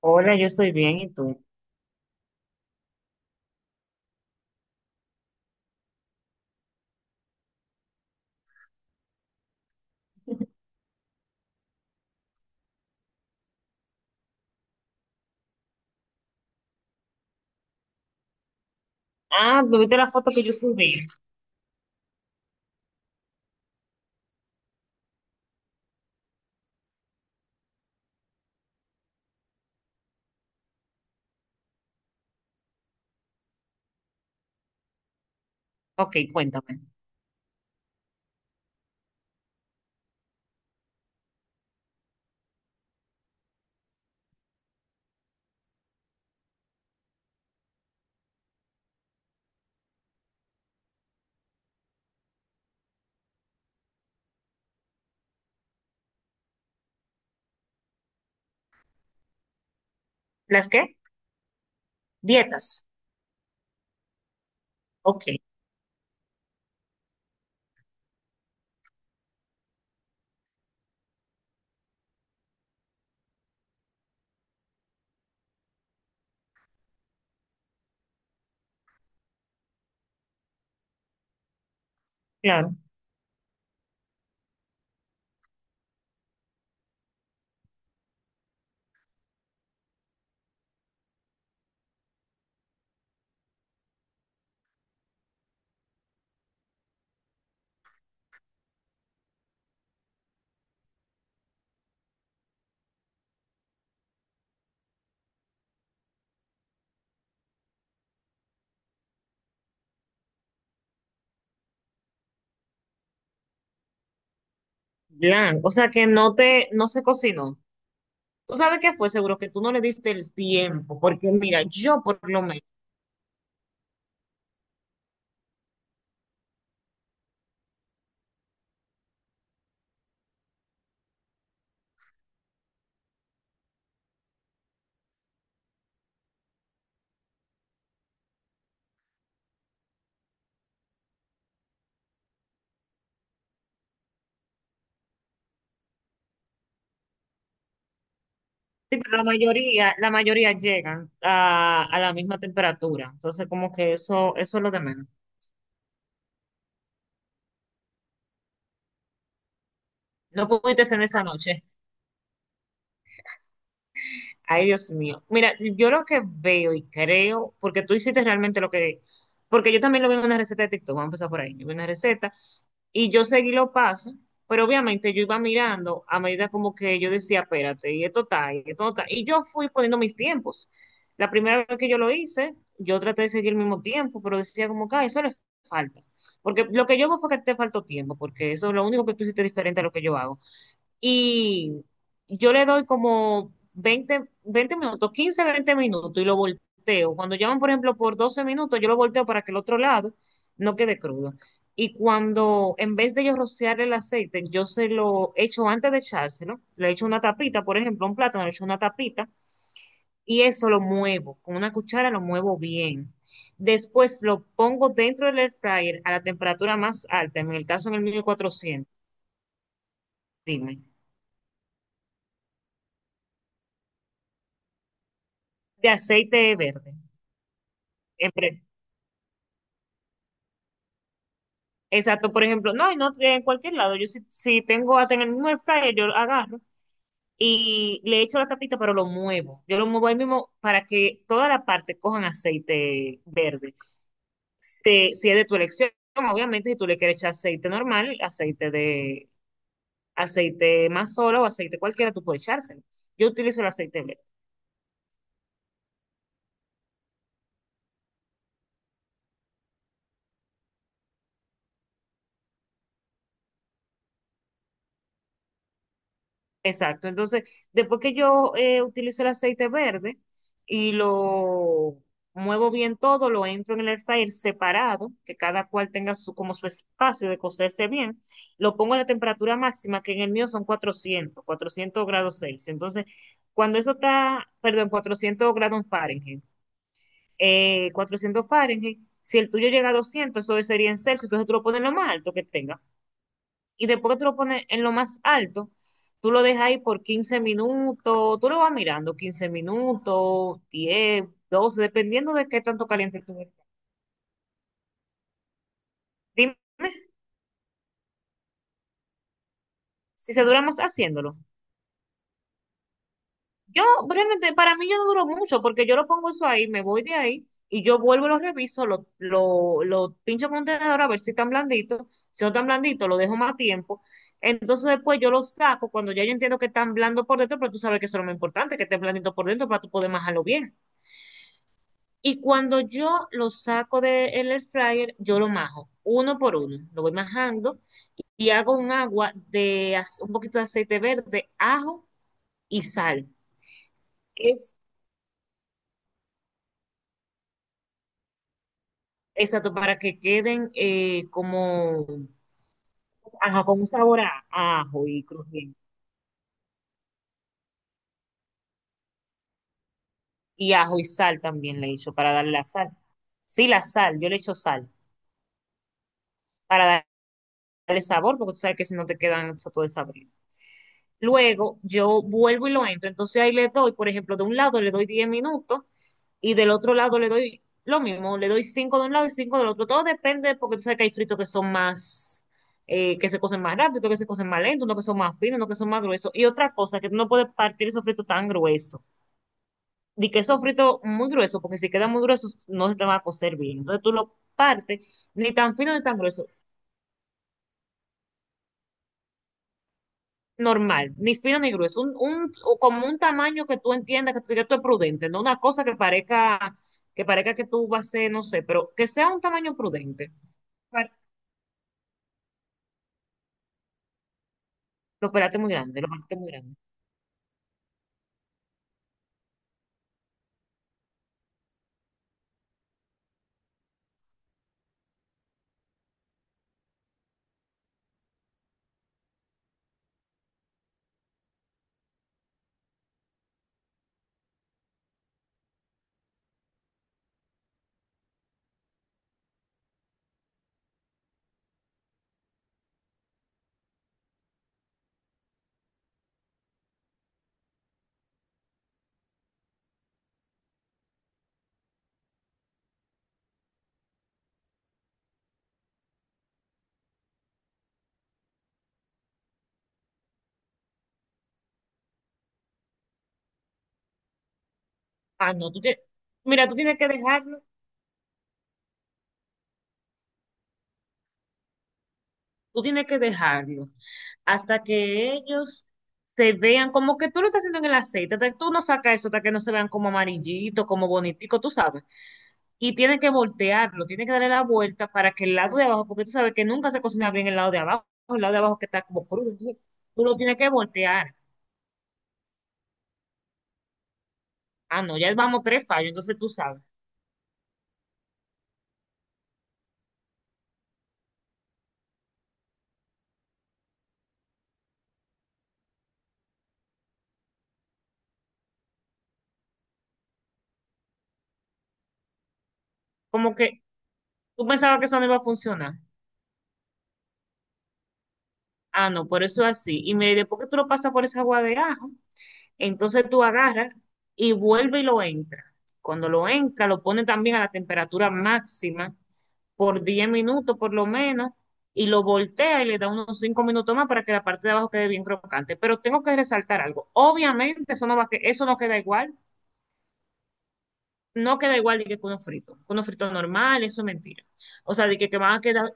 Hola, yo estoy bien, ¿y tú? Ah, ¿tuviste la foto que yo subí? Ok, cuéntame. ¿Las qué? Dietas. Ok, claro. O sea que no se cocinó. ¿Tú sabes qué fue? Seguro que tú no le diste el tiempo, porque mira, yo por lo menos, sí, pero la mayoría llegan a la misma temperatura. Entonces, como que eso es lo de menos. No pudiste en esa noche. Ay, Dios mío. Mira, yo lo que veo y creo, porque tú hiciste realmente porque yo también lo vi en una receta de TikTok, vamos a empezar por ahí. Yo vi una receta y yo seguí los pasos, pero obviamente yo iba mirando a medida como que yo decía, espérate, y esto está, y esto no está. Y yo fui poniendo mis tiempos. La primera vez que yo lo hice, yo traté de seguir el mismo tiempo, pero decía como que "Ah, eso le falta." Porque lo que yo veo fue que te faltó tiempo, porque eso es lo único que tú hiciste diferente a lo que yo hago y yo le doy como 20 20 minutos, 15 20 minutos y lo volteo. Cuando llaman, por ejemplo, por 12 minutos, yo lo volteo para que el otro lado no quede crudo. Y cuando, en vez de yo rociar el aceite, yo se lo echo antes de echárselo, le echo una tapita, por ejemplo, a un plátano, le echo una tapita y eso lo muevo, con una cuchara lo muevo bien. Después lo pongo dentro del air fryer a la temperatura más alta, en el caso en el mío cuatrocientos. Dime, de aceite verde. empre- Exacto, por ejemplo, no, y no en cualquier lado. Yo si tengo hasta en el mismo air fryer, yo lo agarro y le echo la tapita, pero lo muevo. Yo lo muevo ahí mismo para que toda la parte cojan aceite verde. Si es de tu elección, obviamente, si tú le quieres echar aceite normal, aceite de aceite más solo o aceite cualquiera, tú puedes echárselo. Yo utilizo el aceite verde. Exacto. Entonces, después que yo utilizo el aceite verde y lo muevo bien todo, lo entro en el air fryer separado, que cada cual tenga su, como su espacio de cocerse bien, lo pongo a la temperatura máxima, que en el mío son cuatrocientos grados Celsius. Entonces, cuando eso está, perdón, 400 grados Fahrenheit, 400 Fahrenheit, si el tuyo llega a 200 eso sería en Celsius, entonces tú lo pones lo más alto que tenga y después que tú lo pones en lo más alto, tú lo dejas ahí por 15 minutos, tú lo vas mirando 15 minutos, 10 12 dependiendo de qué tanto caliente tú ves. Dime si se dura más haciéndolo. Yo, realmente, para mí yo no duro mucho porque yo lo pongo eso ahí, me voy de ahí y yo vuelvo, lo reviso, lo pincho con un tenedor a ver si están blanditos. Si no están blanditos, lo dejo más tiempo. Entonces después yo lo saco cuando ya yo entiendo que están blando por dentro, pero tú sabes que eso es lo más importante, que esté blandito por dentro para tú poder majarlo bien. Y cuando yo lo saco del air fryer, yo lo majo uno por uno. Lo voy majando y hago un agua de un poquito de aceite verde, ajo y sal. Es exacto para que queden como ajá, con un sabor a ajo y crujiente. Y ajo y sal también le echo para darle la sal. Sí, la sal, yo le echo sal para el sabor, porque tú sabes que si no te quedan todo desabrido. Luego yo vuelvo y lo entro, entonces ahí le doy, por ejemplo, de un lado le doy 10 minutos y del otro lado le doy lo mismo, le doy 5 de un lado y 5 del otro. Todo depende, porque tú sabes que hay fritos que son más, que se cocen más rápido, otros que se cocen más lento, unos que son más finos, unos que son más gruesos. Y otra cosa, que tú no puedes partir esos fritos tan gruesos. Di que esos fritos muy gruesos, porque si quedan muy gruesos no se te van a cocer bien. Entonces tú lo partes ni tan fino ni tan grueso. Normal, ni fino ni grueso, o como un tamaño que tú entiendas, que tú digas tú es prudente, no una cosa que parezca, que parezca que tú vas a ser, no sé, pero que sea un tamaño prudente. Para- Los pelates muy grande lo pelates muy grande. Ah, no, tú tienes, mira, tú tienes que dejarlo, tú tienes que dejarlo hasta que ellos te vean como que tú lo estás haciendo en el aceite, hasta que tú no sacas eso, hasta que no se vean como amarillito, como bonitico, tú sabes. Y tiene que voltearlo, tiene que darle la vuelta para que el lado de abajo, porque tú sabes que nunca se cocina bien el lado de abajo, el lado de abajo que está como crudo, entonces tú lo tienes que voltear. Ah, no, ya vamos tres fallos, entonces tú sabes. Como que tú pensabas que eso no iba a funcionar. Ah, no, por eso es así. Y mira, y después que tú lo pasas por esa agua de ajo, entonces tú agarras y vuelve y lo entra. Cuando lo entra, lo pone también a la temperatura máxima por 10 minutos por lo menos y lo voltea y le da unos 5 minutos más para que la parte de abajo quede bien crocante. Pero tengo que resaltar algo. Obviamente eso no va a que eso no queda igual, no queda igual de que con uno frito, normal, eso es mentira. O sea, que van a quedar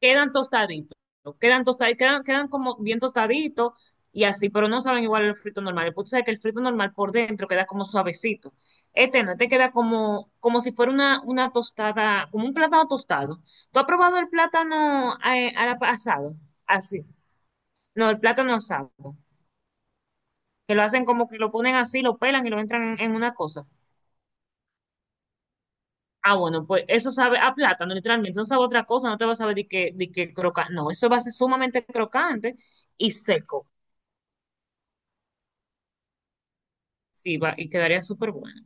quedan tostaditos, ¿no? Quedan tostaditos, quedan, quedan como bien tostaditos y así, pero no saben igual el frito normal. El punto es que el frito normal por dentro queda como suavecito. Este no, este queda como, como si fuera una tostada, como un plátano tostado. ¿Tú has probado el plátano asado? Así. No, el plátano asado. Que lo hacen como que lo ponen así, lo pelan y lo entran en una cosa. Ah, bueno, pues eso sabe a plátano, literalmente. No sabe a otra cosa, no te va a saber de que, crocante. No, eso va a ser sumamente crocante y seco. Sí, va, y quedaría súper bueno.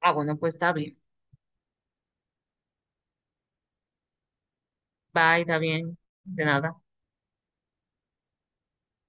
Ah, bueno, pues está bien. Bye, está bien. De nada.